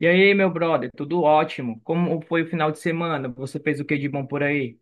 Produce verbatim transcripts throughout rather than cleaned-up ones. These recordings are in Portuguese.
E aí, meu brother, tudo ótimo? Como foi o final de semana? Você fez o que de bom por aí?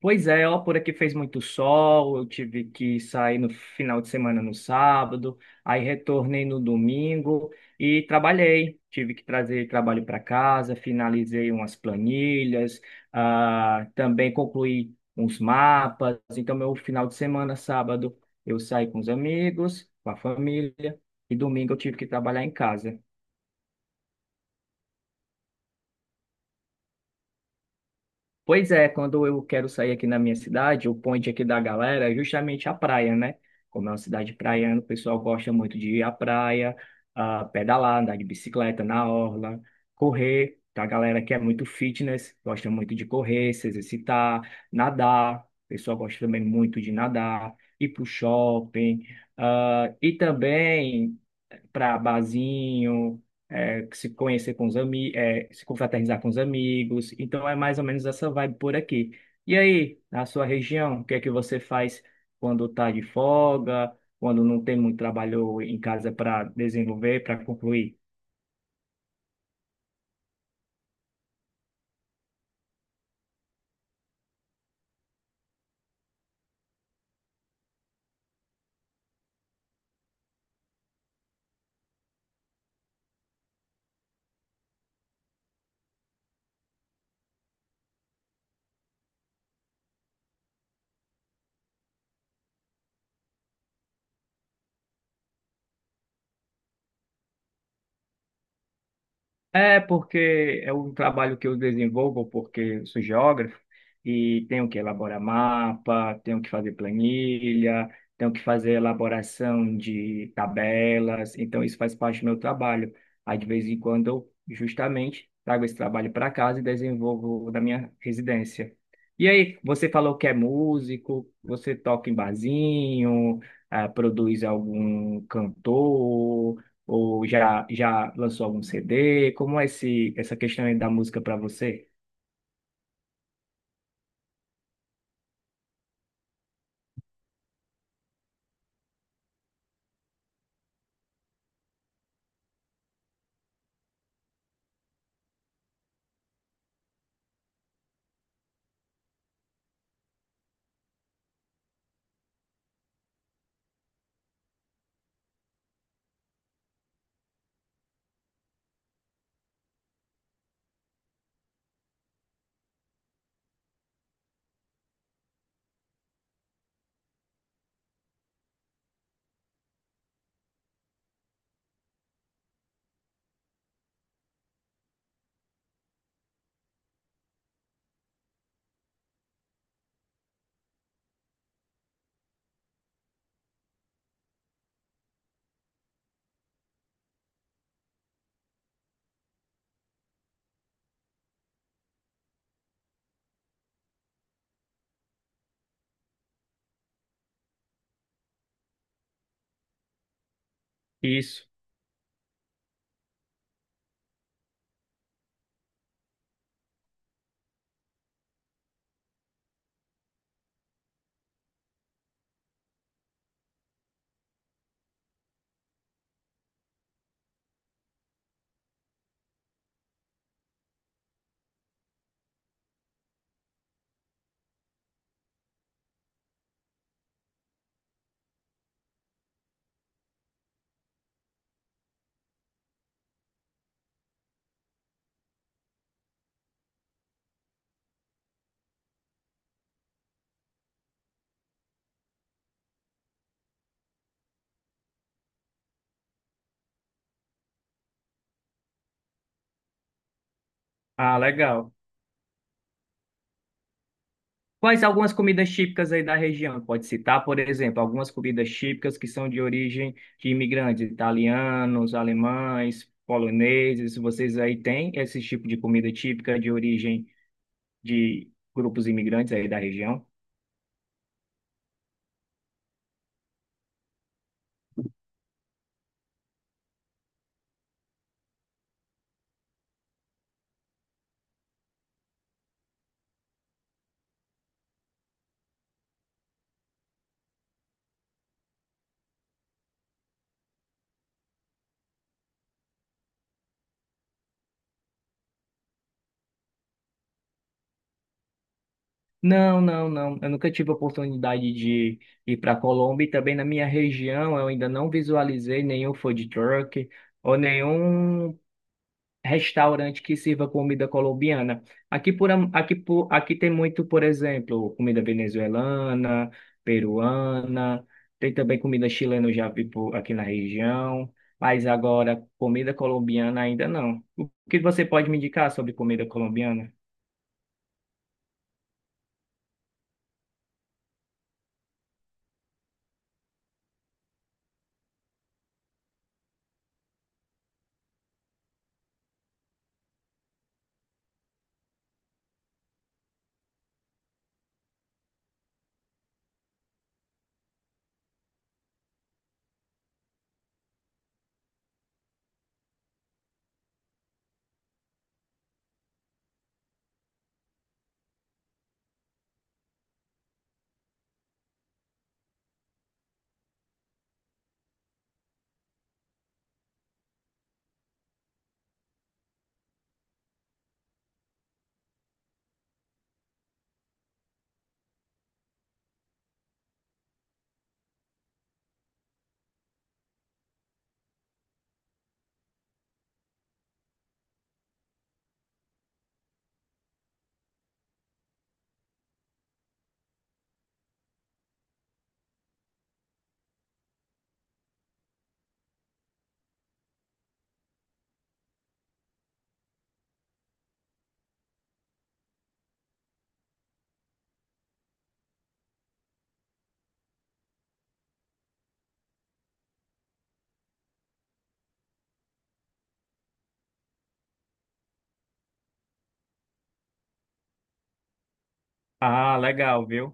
Pois é, ó, por aqui fez muito sol, eu tive que sair no final de semana no sábado, aí retornei no domingo e trabalhei. Tive que trazer trabalho para casa, finalizei umas planilhas, ah, também concluí uns mapas. Então, meu final de semana, sábado, eu saí com os amigos, com a família, e domingo eu tive que trabalhar em casa. Pois é, quando eu quero sair aqui na minha cidade, o point aqui da galera é justamente a praia, né? Como é uma cidade praiana, o pessoal gosta muito de ir à praia, ah, pedalar, andar de bicicleta na orla, correr. Tá? A galera que é muito fitness, gosta muito de correr, se exercitar, nadar. O pessoal gosta também muito de nadar, ir pro shopping. Ah, e também para barzinho, é, se conhecer com os amigos, se confraternizar com os amigos. Então é mais ou menos essa vibe por aqui. E aí, na sua região, o que é que você faz quando tá de folga, quando não tem muito trabalho em casa para desenvolver, para concluir? É porque é um trabalho que eu desenvolvo porque eu sou geógrafo e tenho que elaborar mapa, tenho que fazer planilha, tenho que fazer elaboração de tabelas, então isso faz parte do meu trabalho. Aí de vez em quando eu justamente trago esse trabalho para casa e desenvolvo da minha residência. E aí, você falou que é músico, você toca em barzinho, ah, produz algum cantor? Ou já, já lançou algum C D? Como é esse, essa questão aí da música para você? Isso. Ah, legal. Quais algumas comidas típicas aí da região? Pode citar, por exemplo, algumas comidas típicas que são de origem de imigrantes, italianos, alemães, poloneses. Vocês aí têm esse tipo de comida típica de origem de grupos imigrantes aí da região? Não, não, não. Eu nunca tive a oportunidade de ir para a Colômbia e também na minha região eu ainda não visualizei nenhum food truck ou nenhum restaurante que sirva comida colombiana. Aqui por am- aqui por aqui tem muito, por exemplo, comida venezuelana, peruana, tem também comida chilena, eu já vi por, aqui na região, mas agora comida colombiana ainda não. O que você pode me indicar sobre comida colombiana? Ah, legal, viu?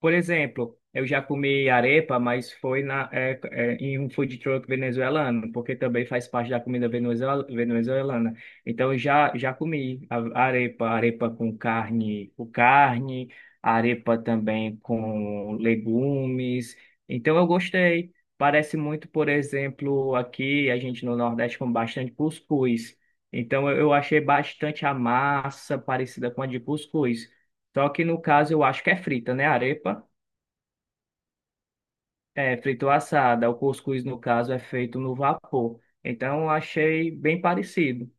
Por exemplo, eu já comi arepa, mas foi na, é, é, em um food truck venezuelano, porque também faz parte da comida venezuel- venezuelana. Então, eu já, já comi a- arepa, arepa com carne, com carne, arepa também com legumes. Então, eu gostei. Parece muito, por exemplo, aqui a gente no Nordeste come bastante cuscuz. Então, eu eu achei bastante a massa parecida com a de cuscuz. Só que no caso eu acho que é frita, né? Arepa. É, frito ou assada. O cuscuz, no caso, é feito no vapor. Então, eu achei bem parecido.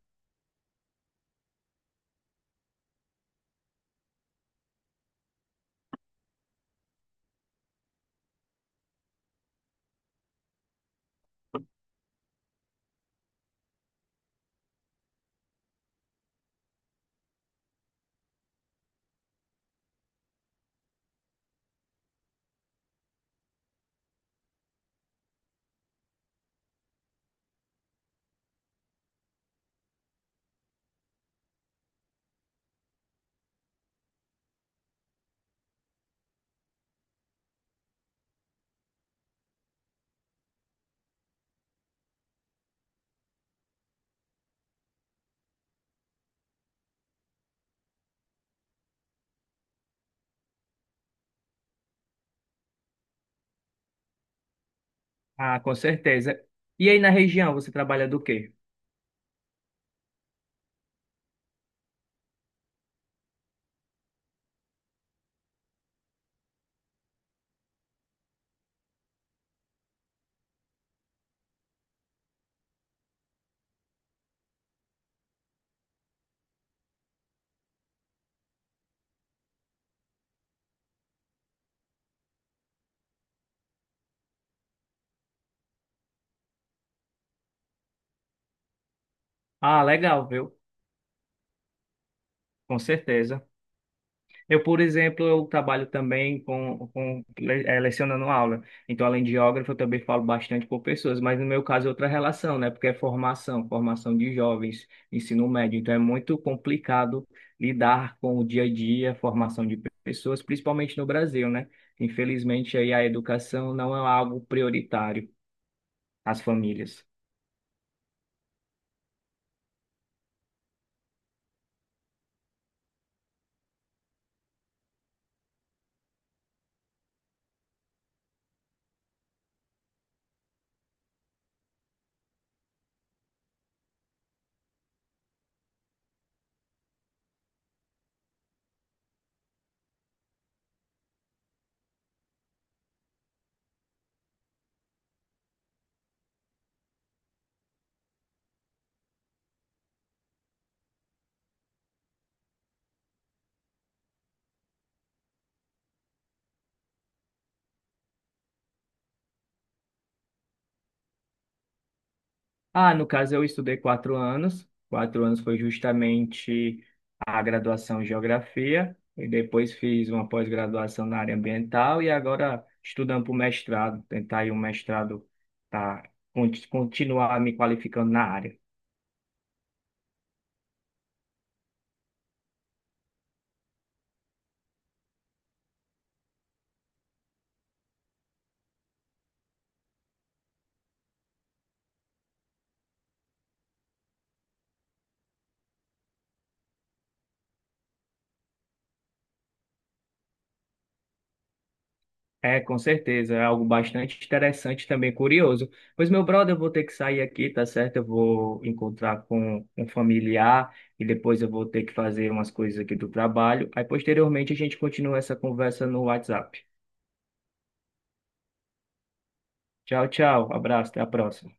Ah, com certeza. E aí, na região, você trabalha do quê? Ah, legal, viu? Com certeza. Eu, por exemplo, eu trabalho também com, com le- eh, lecionando aula. Então, além de geógrafo, eu também falo bastante com pessoas, mas no meu caso é outra relação, né? Porque é formação, formação de jovens, ensino médio. Então, é muito complicado lidar com o dia a dia, formação de pe- pessoas, principalmente no Brasil, né? Infelizmente, aí a educação não é algo prioritário às famílias. Ah, no caso eu estudei quatro anos. Quatro anos foi justamente a graduação em geografia e depois fiz uma pós-graduação na área ambiental e agora estudando para o mestrado, tentar ir um mestrado para continuar me qualificando na área. É, com certeza, é algo bastante interessante também, curioso. Pois, meu brother, eu vou ter que sair aqui, tá certo? Eu vou encontrar com um familiar e depois eu vou ter que fazer umas coisas aqui do trabalho. Aí, posteriormente, a gente continua essa conversa no WhatsApp. Tchau, tchau, abraço, até a próxima.